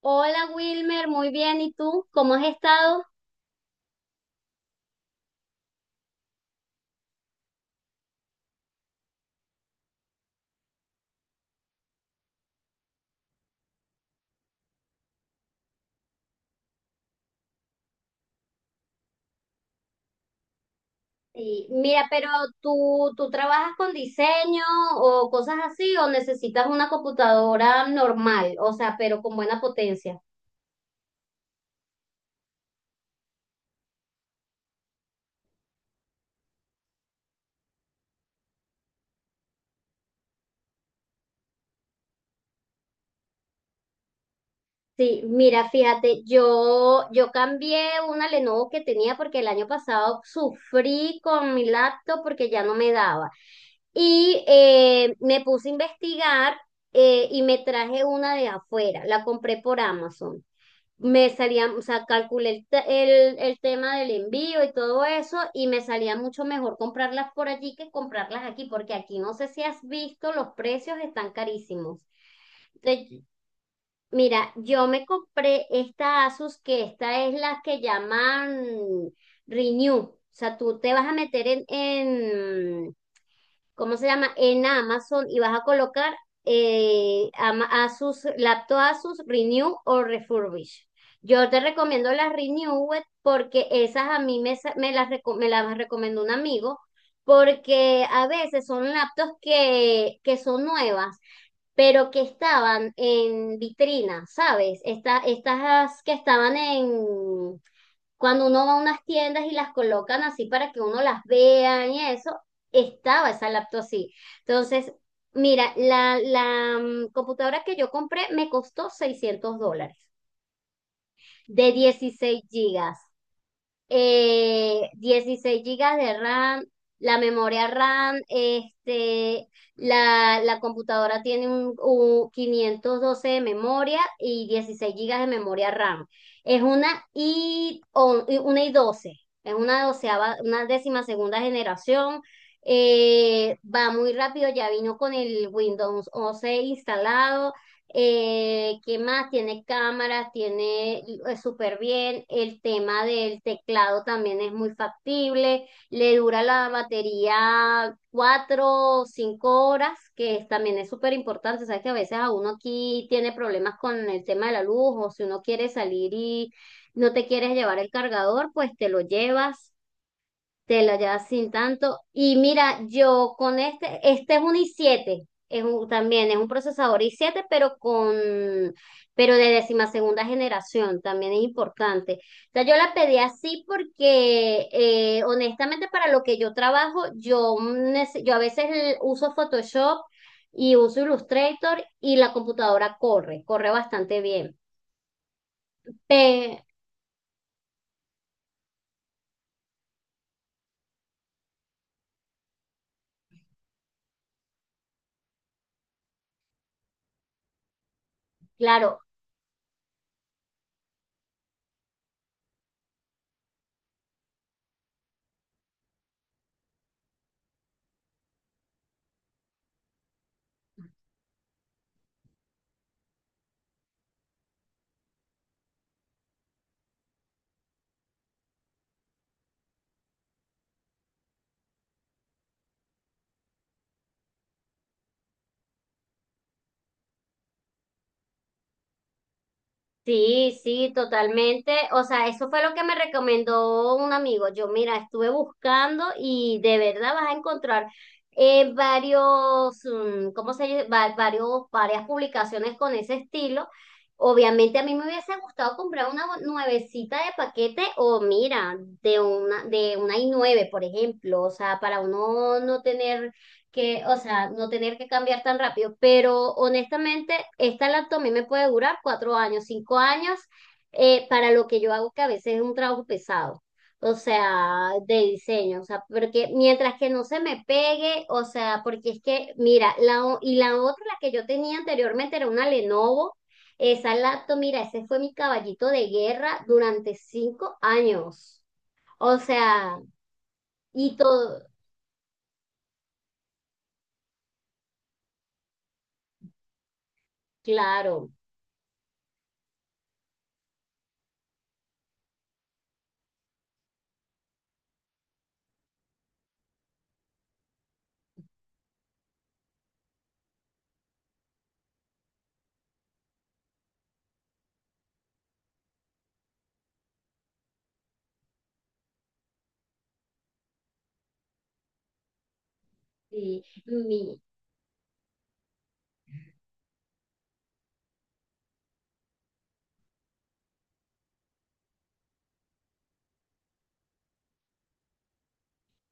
Hola Wilmer, muy bien. ¿Y tú? ¿Cómo has estado? Y mira, pero tú, ¿tú trabajas con diseño o cosas así, o necesitas una computadora normal, o sea, pero con buena potencia? Sí, mira, fíjate, yo cambié una Lenovo que tenía porque el año pasado sufrí con mi laptop porque ya no me daba. Y me puse a investigar y me traje una de afuera, la compré por Amazon. Me salía, o sea, calculé el tema del envío y todo eso, y me salía mucho mejor comprarlas por allí que comprarlas aquí, porque aquí, no sé si has visto, los precios están carísimos. Entonces, mira, yo me compré esta Asus, que esta es la que llaman Renew. O sea, tú te vas a meter en, ¿cómo se llama?, en Amazon, y vas a colocar Asus, laptop Asus Renew o Refurbish. Yo te recomiendo las Renew porque esas a mí me las recomendó un amigo porque a veces son laptops que son nuevas, pero que estaban en vitrina, ¿sabes? Estas que estaban en, cuando uno va a unas tiendas y las colocan así para que uno las vea y eso, estaba esa laptop así. Entonces, mira, la computadora que yo compré me costó $600, de 16 gigas, 16 gigas de RAM, la memoria RAM, este, la computadora tiene un 512 de memoria y 16 gigas de memoria RAM. Es una una i12, es una doceava, una décima segunda generación. Va muy rápido, ya vino con el Windows 11 instalado. ¿Qué más? Tiene cámaras, tiene súper bien. El tema del teclado también es muy factible. Le dura la batería cuatro o cinco horas, también es súper importante. Sabes que a veces a uno aquí tiene problemas con el tema de la luz, o si uno quiere salir y no te quieres llevar el cargador, pues te lo llevas. Te la llevas sin tanto. Y mira, yo con este, este es un i siete, también es un procesador i siete pero de décima segunda generación, también es importante. O sea, yo la pedí así porque, honestamente, para lo que yo trabajo, yo a veces uso Photoshop y uso Illustrator, y la computadora corre, corre bastante bien. Pe- claro. Sí, sí, totalmente. O sea, eso fue lo que me recomendó un amigo. Yo, mira, estuve buscando y de verdad vas a encontrar ¿cómo se dice? Varias publicaciones con ese estilo. Obviamente a mí me hubiese gustado comprar una nuevecita de paquete, o mira, de una i nueve, por ejemplo. O sea, para uno no tener que, o sea, no tener que cambiar tan rápido, pero honestamente, esta laptop a mí me puede durar cuatro años, cinco años, para lo que yo hago, que a veces es un trabajo pesado, o sea, de diseño, o sea, porque mientras que no se me pegue, o sea, porque es que, mira, y la otra, la que yo tenía anteriormente, era una Lenovo, esa laptop, mira, ese fue mi caballito de guerra durante cinco años, o sea, y todo, claro. Sí, mi,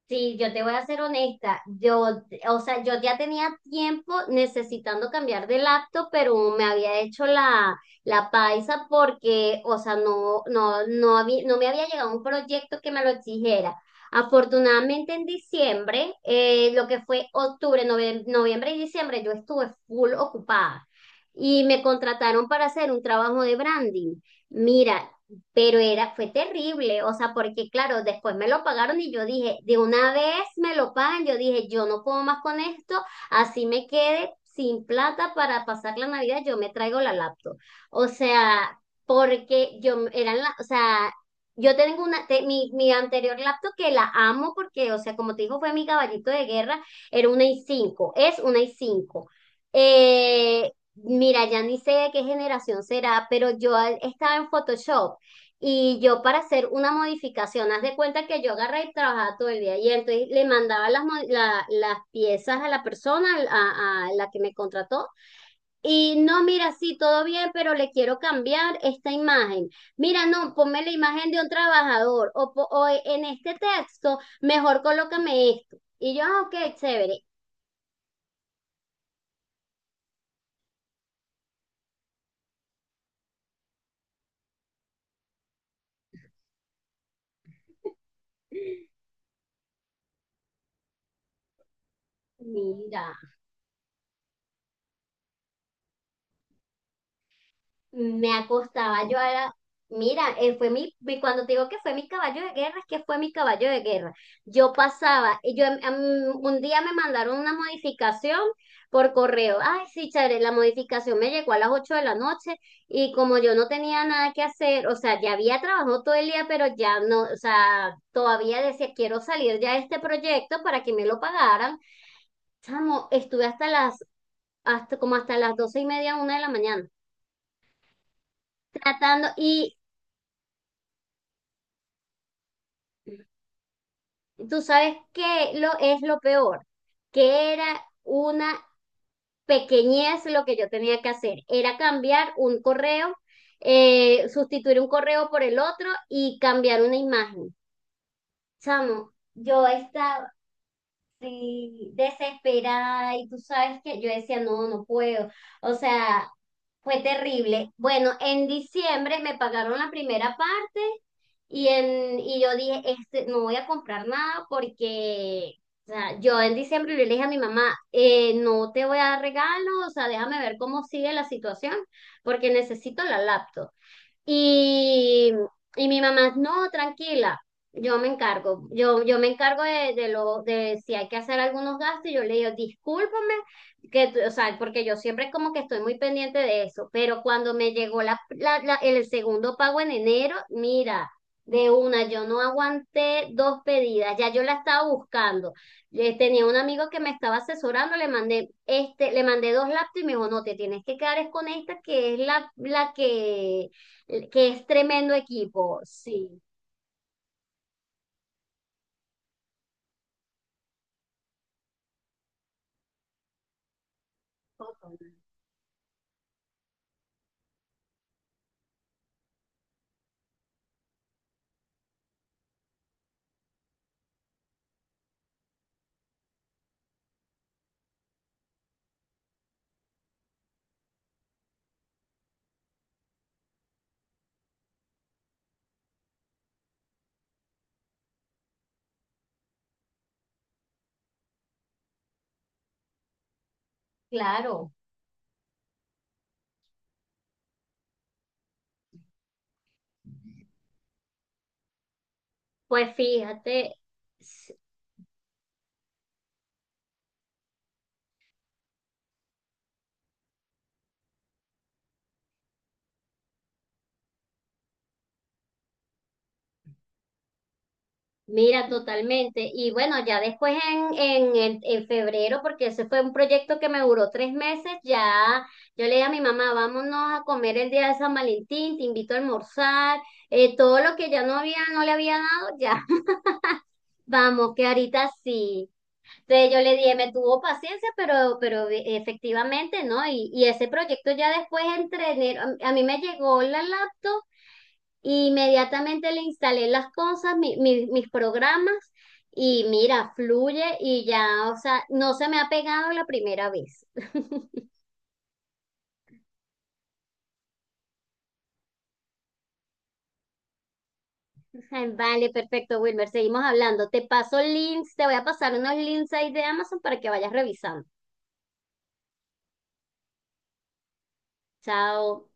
Sí, yo te voy a ser honesta. O sea, yo ya tenía tiempo necesitando cambiar de laptop, pero me había hecho la paisa porque, o sea, no había, no me había llegado un proyecto que me lo exigiera. Afortunadamente en diciembre, lo que fue octubre, noviembre y diciembre, yo estuve full ocupada y me contrataron para hacer un trabajo de branding. Mira, pero era, fue terrible, o sea, porque claro, después me lo pagaron y yo dije, de una vez me lo pagan, yo dije, yo no puedo más con esto, así me quede sin plata para pasar la Navidad, yo me traigo la laptop. O sea, porque yo eran la, o sea, yo tengo una, mi anterior laptop que la amo porque, o sea, como te dijo, fue mi caballito de guerra, era una i cinco, es una i cinco. Eh, Mira, ya ni sé de qué generación será, pero yo estaba en Photoshop, y yo para hacer una modificación, haz de cuenta que yo agarré y trabajaba todo el día. Y entonces le mandaba las piezas a la persona, a la que me contrató. Y no, mira, sí, todo bien, pero le quiero cambiar esta imagen. Mira, no, ponme la imagen de un trabajador. O, po- o e, En este texto, mejor colócame esto. Y yo, ah, ok, chévere. Mira. Me acostaba yo a mira, fue mi, cuando te digo que fue mi caballo de guerra, es que fue mi caballo de guerra. Yo pasaba, y yo, un día me mandaron una modificación por correo. Ay, sí, chévere, la modificación me llegó a las 8 de la noche, y como yo no tenía nada que hacer, o sea, ya había trabajado todo el día, pero ya no, o sea, todavía decía, quiero salir ya de este proyecto para que me lo pagaran. Chamo, estuve hasta hasta como hasta las 12 y media, una de la mañana, tratando y... Tú sabes qué es lo peor, que era una pequeñez lo que yo tenía que hacer, era cambiar un correo, sustituir un correo por el otro y cambiar una imagen. Chamo, yo estaba, sí, desesperada, y tú sabes que yo decía, no, no puedo. O sea, fue terrible. Bueno, en diciembre me pagaron la primera parte y y yo dije, este, no voy a comprar nada porque, o sea, yo en diciembre le dije a mi mamá, no te voy a dar regalo, o sea, déjame ver cómo sigue la situación, porque necesito la laptop. Y, y mi mamá, no, tranquila, yo me encargo, yo me encargo de lo, de si hay que hacer algunos gastos, y yo le digo, discúlpame, o sea, porque yo siempre como que estoy muy pendiente de eso, pero cuando me llegó el segundo pago en enero, mira, de una, yo no aguanté dos pedidas, ya yo la estaba buscando. Tenía un amigo que me estaba asesorando, le mandé, este, le mandé dos laptops y me dijo, no, te tienes que quedar es con esta, que es la que es tremendo equipo, sí, claro. Pues fíjate, s- mira, totalmente. Y bueno, ya después en febrero, porque ese fue un proyecto que me duró tres meses, ya yo le dije a mi mamá, vámonos a comer el día de San Valentín, te invito a almorzar, todo lo que ya no había, no le había dado, ya. Vamos, que ahorita sí. Entonces yo le dije, me tuvo paciencia, pero, efectivamente, ¿no? Y ese proyecto ya después entre enero, a mí me llegó la laptop, y inmediatamente le instalé las cosas, mis programas, y mira, fluye y ya, o sea, no se me ha pegado la primera vez. Ay, vale, perfecto, Wilmer, seguimos hablando. Te paso links, te voy a pasar unos links ahí de Amazon para que vayas revisando. Chao.